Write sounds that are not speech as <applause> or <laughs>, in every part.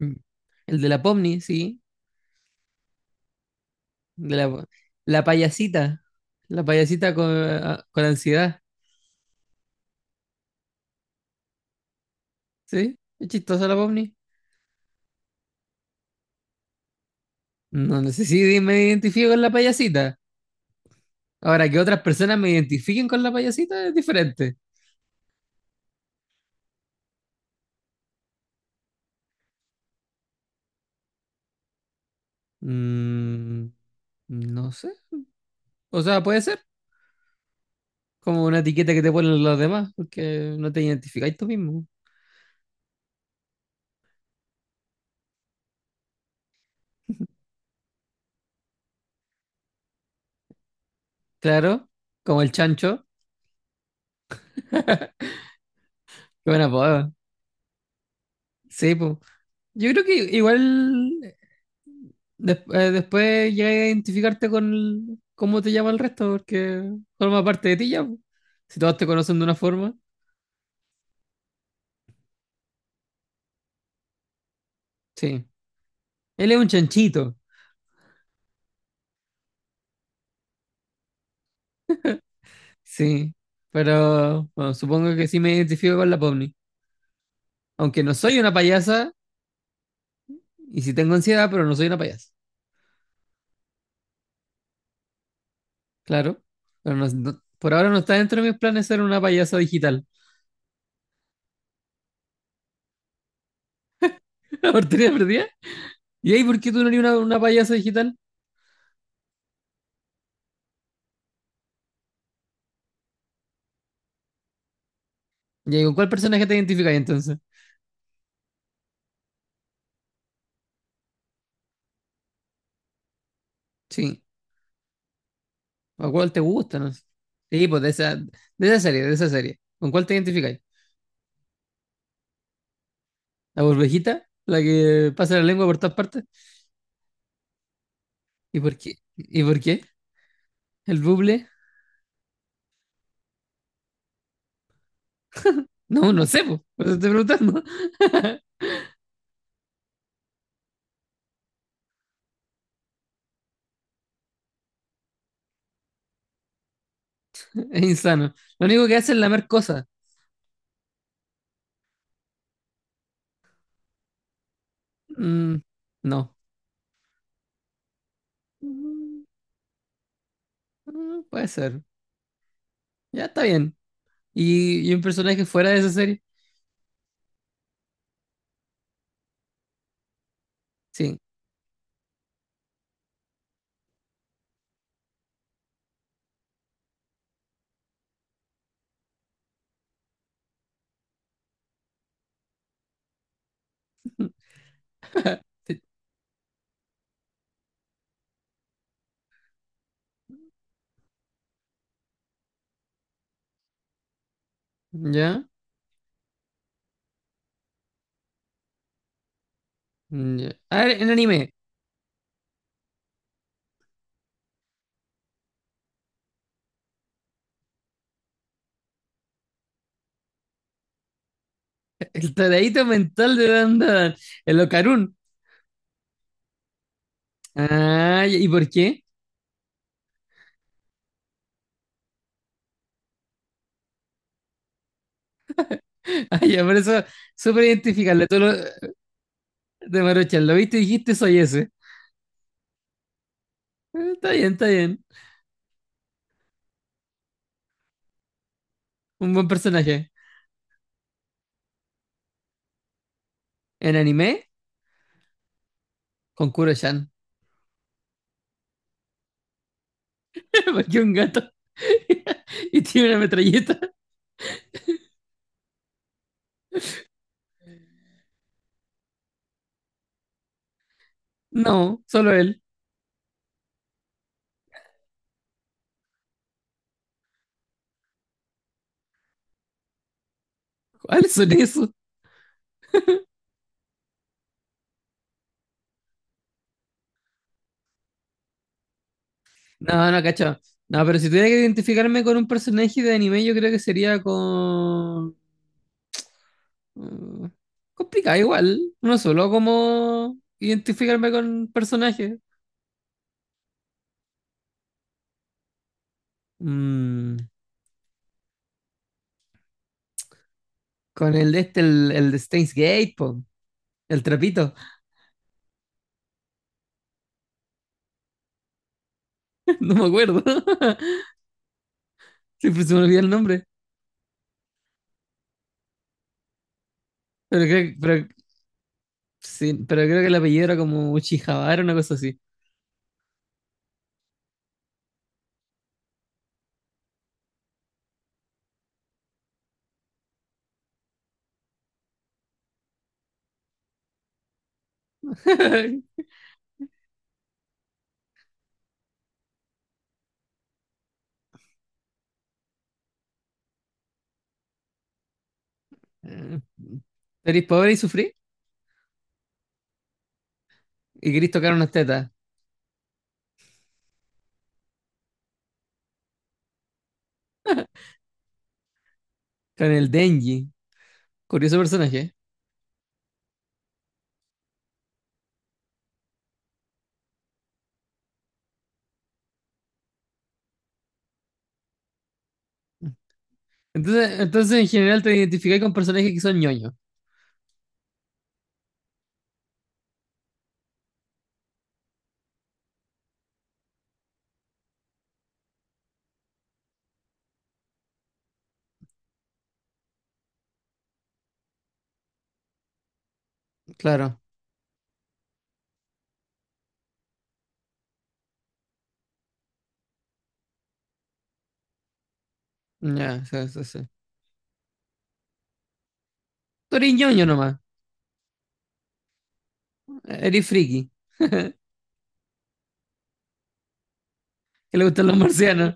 Mm. El de la Pomni, sí. De la, la payasita. La payasita con, con ansiedad. ¿Sí? Es chistosa la Pomni. No, no sé si me identifico con la payasita. Ahora, que otras personas me identifiquen con la payasita es diferente. Mm, no sé. O sea, puede ser como una etiqueta que te ponen los demás, porque no te identificáis tú mismo. Claro, como el chancho. Qué buena apodo. Sí, pues. Yo creo que igual después llegas a identificarte con cómo te llama el resto, porque forma parte de ti ya. Po. Si todos te conocen de una forma, sí. Él es un chanchito, sí. Pero bueno, supongo que sí me identifico con la Pomni. Aunque no soy una payasa, y sí tengo ansiedad, pero no soy una payasa. Claro. Pero por ahora no está dentro de mis planes ser una payasa digital. <laughs> ¿Por perdida? ¿Y ahí por qué tú no eres una payasa digital? ¿Y ahí con cuál personaje te identificas entonces? Sí. ¿A cuál te gusta? No sé. Sí, pues de esa serie, de esa serie. ¿Con cuál te identificáis? ¿La burbejita? ¿La que pasa la lengua por todas partes? ¿Y por qué? ¿Y por qué? ¿El buble? No, no sé, po. Por eso estoy preguntando. <laughs> Es insano. Lo único que hace es lamer cosas. Mm, no. Mm, mm, puede ser. Ya está bien. ¿Y, un personaje fuera de esa serie? Sí. ¿Ya? Ya. A ver, en anime. El taradito mental de Dan Dan. El Ocarun. Ah, ¿y por qué? <laughs> Ay, ya, por eso, súper identificable. De Maruchan, lo viste y dijiste, soy ese. Está bien, está bien. Un buen personaje. En anime, con Kuro-chan. <laughs> Porque un gato. <laughs> Y tiene una metralleta. No, solo él. ¿Cuáles son esos? No, no, cacho. No, pero si tuviera que identificarme con un personaje de anime, yo creo que sería con. mm, Complicado igual. No solo como identificarme con personajes. Mm, con el de este, el de Steins Gate, po. El trapito, <laughs> no me acuerdo. <laughs> Siempre se me olvida el nombre. Pero creo, pero, sí, pero creo que el apellido era como Uchijabara, una cosa así. <laughs> ¿Eres pobre y sufrí? Y querés tocar unas tetas. Con el Denji. Curioso personaje. Entonces, en general te identificáis con personajes que son ñoños. Claro. Ya, sí, sí, sí. Tú eres ñoño nomás. Eres friki. Que le gustan los marcianos.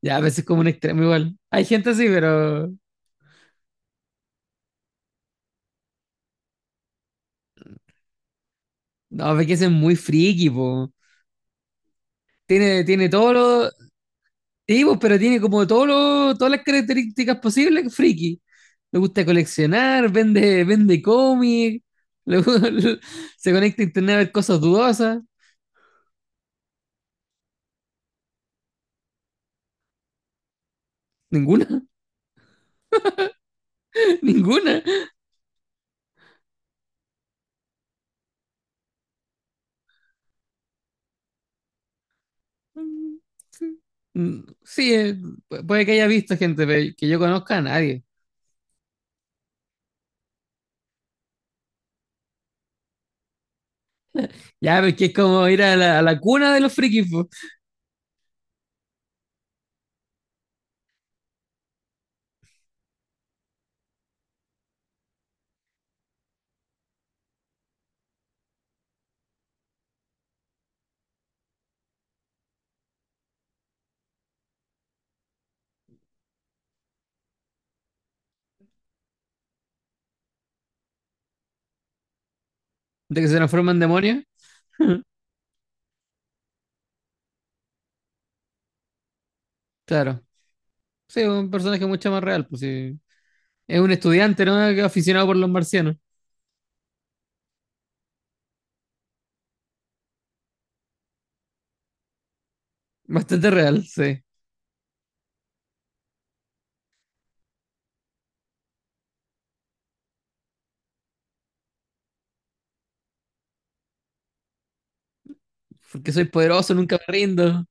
Ya, a veces es como un extremo igual. Hay gente así, pero. No, ve que es muy friki, po. Tiene todos los sí, pues, pero tiene como todos los todas las características posibles, friki. Le gusta coleccionar, vende cómic, le gu- <laughs> se conecta a internet a ver cosas dudosas. Ninguna, <laughs> ninguna. Sí, puede que haya visto gente, pero que yo conozca a nadie. Ya, pero es que es como ir a a la cuna de los frikis, po, de que se transforman en demonios. <laughs> Claro. Sí, un personaje mucho más real, pues sí. Es un estudiante, ¿no? Aficionado por los marcianos. Bastante real, sí. Porque soy poderoso, nunca me rindo.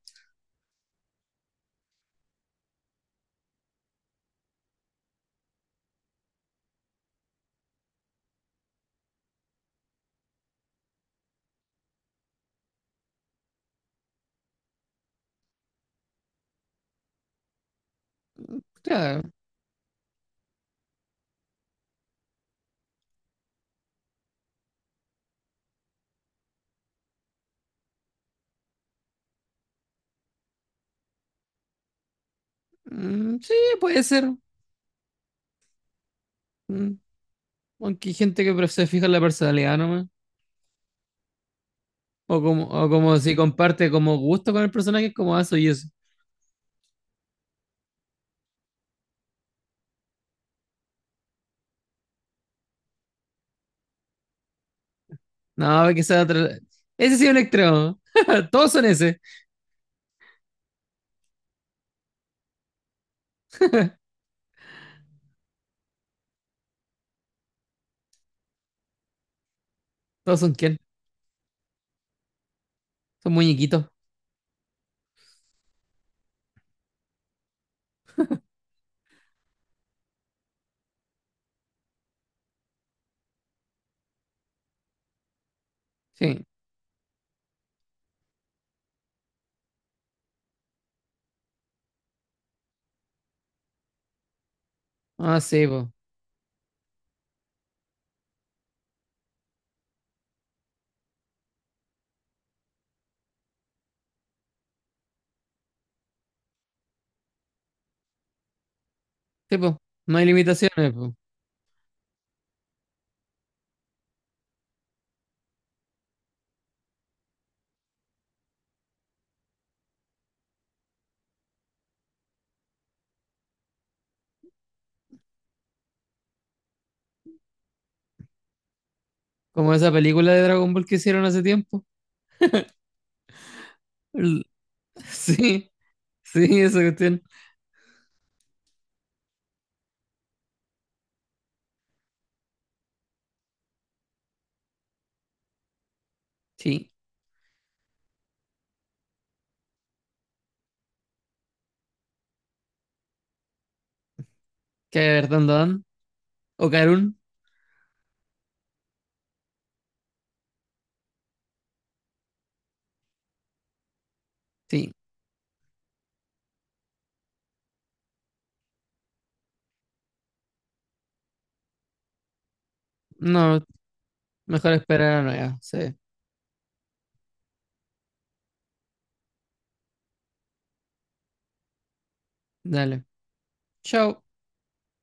Claro. Mm, sí, puede ser. Mm, aunque hay gente que se fija en la personalidad nomás. O como si comparte como gusto con el personaje, como eso y eso. No, que sea otra- Ese sí es un extremo. <laughs> Todos son ese. Todos son quién. Son muñequitos. Sí. Ah, sí, po. Sí, po. No hay limitaciones, po. Como esa película de Dragon Ball que hicieron hace tiempo. El- <laughs> Sí, sí, esa cuestión. Sí. Caer Dan. Dan. O Karun. Sí, no, mejor esperar a la nueva. Sí, dale. Chao.